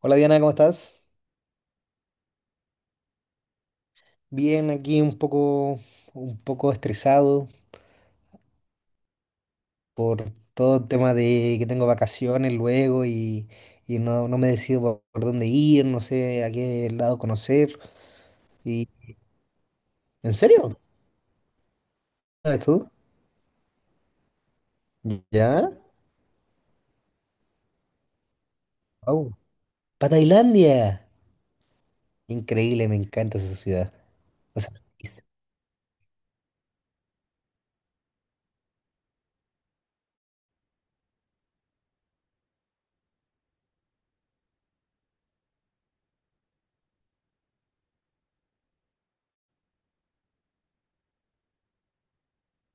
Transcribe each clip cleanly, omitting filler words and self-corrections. Hola Diana, ¿cómo estás? Bien, aquí un poco estresado por todo el tema de que tengo vacaciones luego y no me decido por dónde ir, no sé a qué lado conocer. Y, ¿en serio? ¿Sabes tú? ¿Ya? Wow. ¡Para Tailandia! Increíble, me encanta esa ciudad. O sea, es-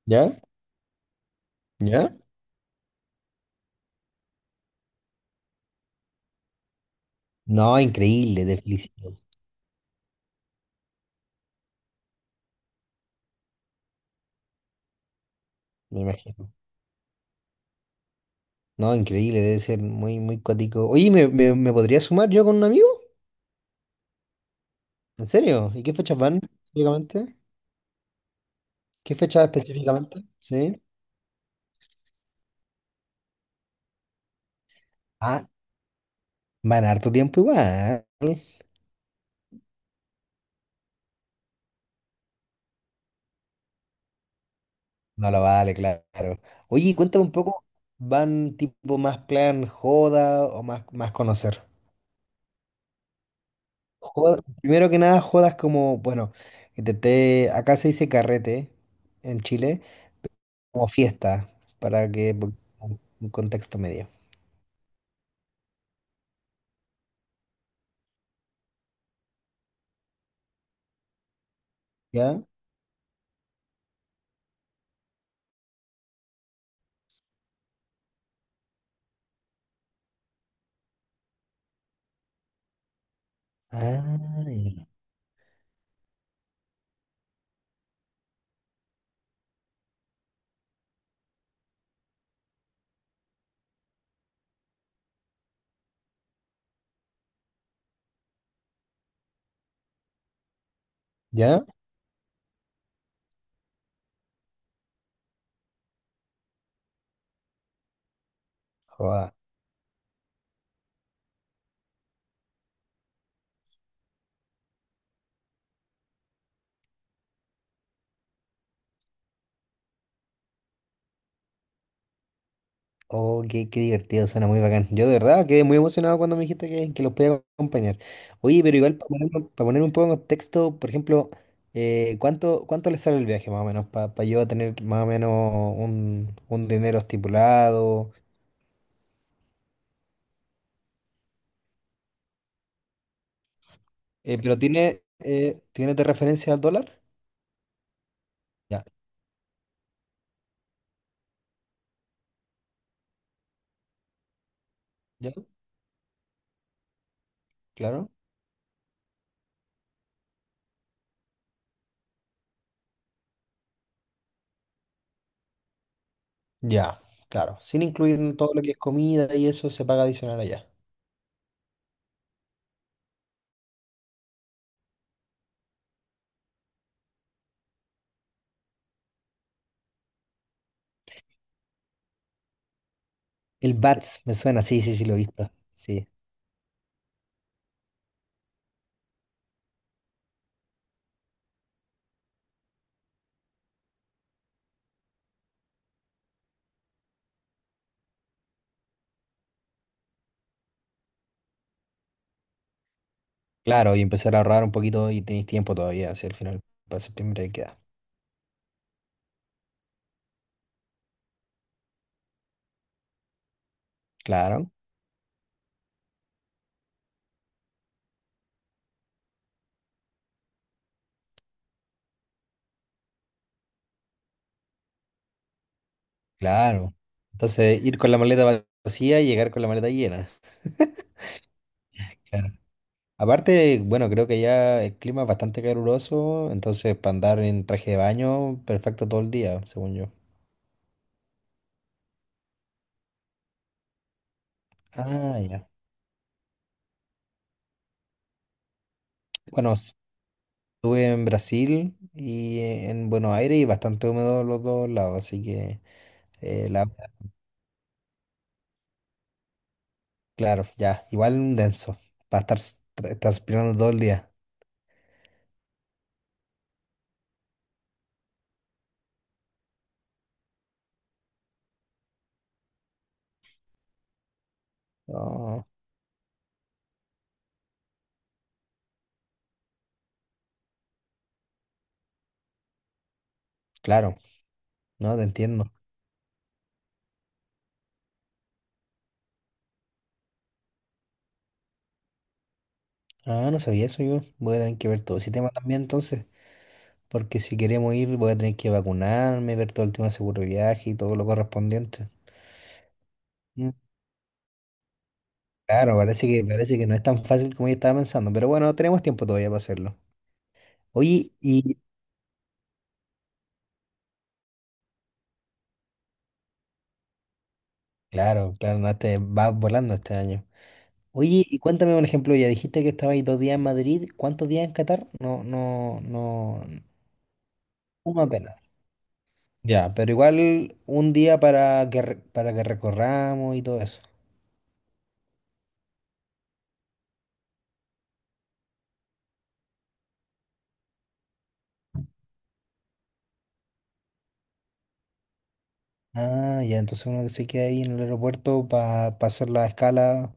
¿ya? ¿Ya? No, increíble, de felicidad, me imagino. No, increíble, debe ser muy, muy cuático. Oye, ¿me podría sumar yo con un amigo? ¿En serio? ¿Y qué fechas van específicamente? ¿Qué fecha específicamente? Sí. Ah, van harto tiempo igual. No lo vale, claro. Oye, cuéntame un poco, ¿van tipo más plan joda o más conocer? Primero que nada, jodas como, bueno, intenté, acá se dice carrete en Chile, como fiesta, para que un contexto medio. ¿Ya? Ah, ya. ¿Ya? Joda. Oh, qué, qué divertido, suena muy bacán. Yo de verdad quedé muy emocionado cuando me dijiste que los podía acompañar. Oye, pero igual pa ponerme un poco en contexto, por ejemplo, cuánto le sale el viaje más o menos? Para yo tener más o menos un dinero estipulado. Pero ¿tiene de referencia al dólar? Ya. ¿Ya? Claro. Ya, claro. Sin incluir todo lo que es comida y eso se paga adicional allá. El BATS me suena, sí, sí, sí, lo he visto. Sí. Claro, y empezar a ahorrar un poquito y tenéis tiempo todavía, hacia el final para septiembre queda. Claro, claro. Entonces, ir con la maleta vacía y llegar con la maleta llena. Claro. Aparte, bueno, creo que ya el clima es bastante caluroso, entonces para andar en traje de baño, perfecto todo el día, según yo. Ah, ya. Bueno, estuve en Brasil y en Buenos Aires y bastante húmedo los dos lados, así que, eh, la, claro, ya, igual un denso, para estar transpirando todo el día. No, claro. No, te entiendo. Ah, no sabía eso yo. Voy a tener que ver todo ese tema también entonces, porque si queremos ir voy a tener que vacunarme, ver todo el tema de seguro de viaje y todo lo correspondiente. Mm. Claro, parece que no es tan fácil como yo estaba pensando, pero bueno, tenemos tiempo todavía para hacerlo. Oye, y claro, claro, no, te vas volando este año. Oye, y cuéntame, por ejemplo, ya dijiste que estabais dos días en Madrid, ¿cuántos días en Qatar? No, no, no, uno apenas. Ya, pero igual un día para que, para que recorramos y todo eso. Ah, ya, entonces uno que se queda ahí en el aeropuerto para hacer la escala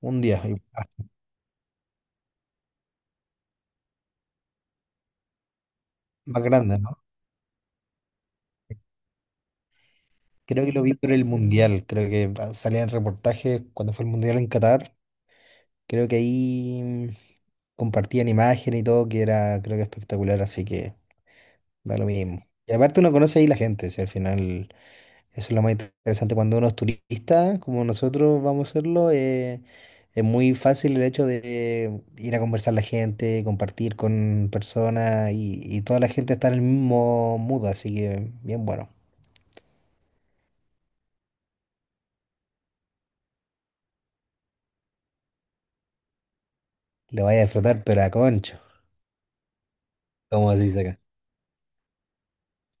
un día, más grande, ¿no? Creo que lo vi por el Mundial, creo que salía en reportajes cuando fue el Mundial en Qatar, creo que ahí compartían imágenes y todo, que era, creo que espectacular, así que da lo mismo. Y aparte uno conoce ahí la gente, si al final... Eso es lo más interesante. Cuando uno es turista, como nosotros vamos a serlo, es muy fácil el hecho de ir a conversar la gente, compartir con personas y toda la gente está en el mismo mood, así que bien bueno. Le vaya a disfrutar, pero a concho, como se dice acá.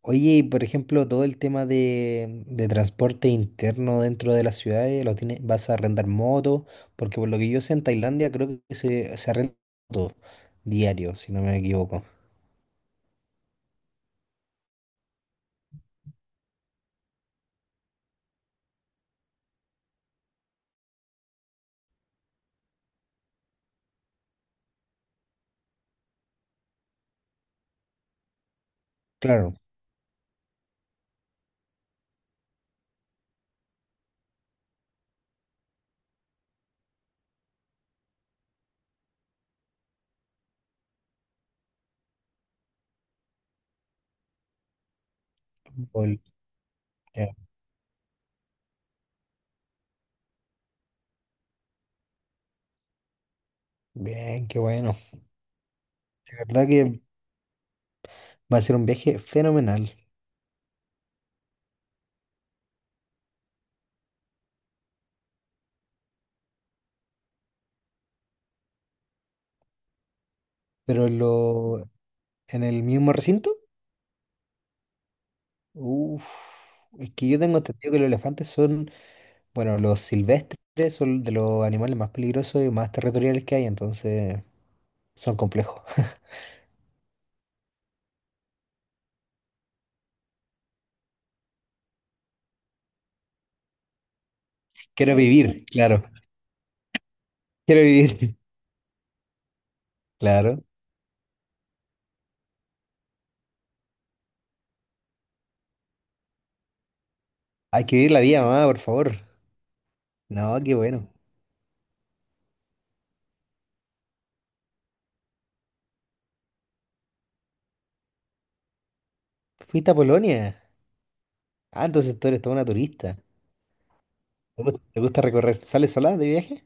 Oye, y por ejemplo, todo el tema de transporte interno dentro de las ciudades, lo tienes, vas a arrendar moto, porque por lo que yo sé en Tailandia creo que se arrenda moto diario, si no me equivoco. Claro, o el- ya. Bien, qué bueno. La verdad que va a ser un viaje fenomenal. Pero en el mismo recinto, uff, es que yo tengo entendido que los elefantes son, bueno, los silvestres son de los animales más peligrosos y más territoriales que hay, entonces son complejos. Quiero vivir, claro. Quiero vivir, claro. Hay que vivir la vida, mamá, por favor. No, qué bueno. ¿Fuiste a Polonia? Ah, entonces tú eres toda una turista. Te gusta recorrer? ¿Sales sola de viaje?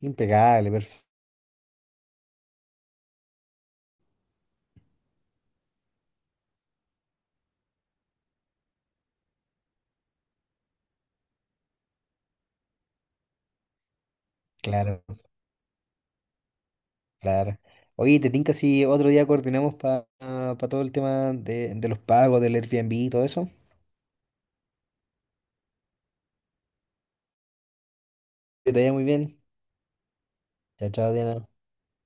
Impecable, perfecto. Claro. Claro. Oye, te tinca si otro día coordinamos para todo el tema de los pagos, del Airbnb y todo eso. Que te vaya muy bien. Chao, chao, Diana.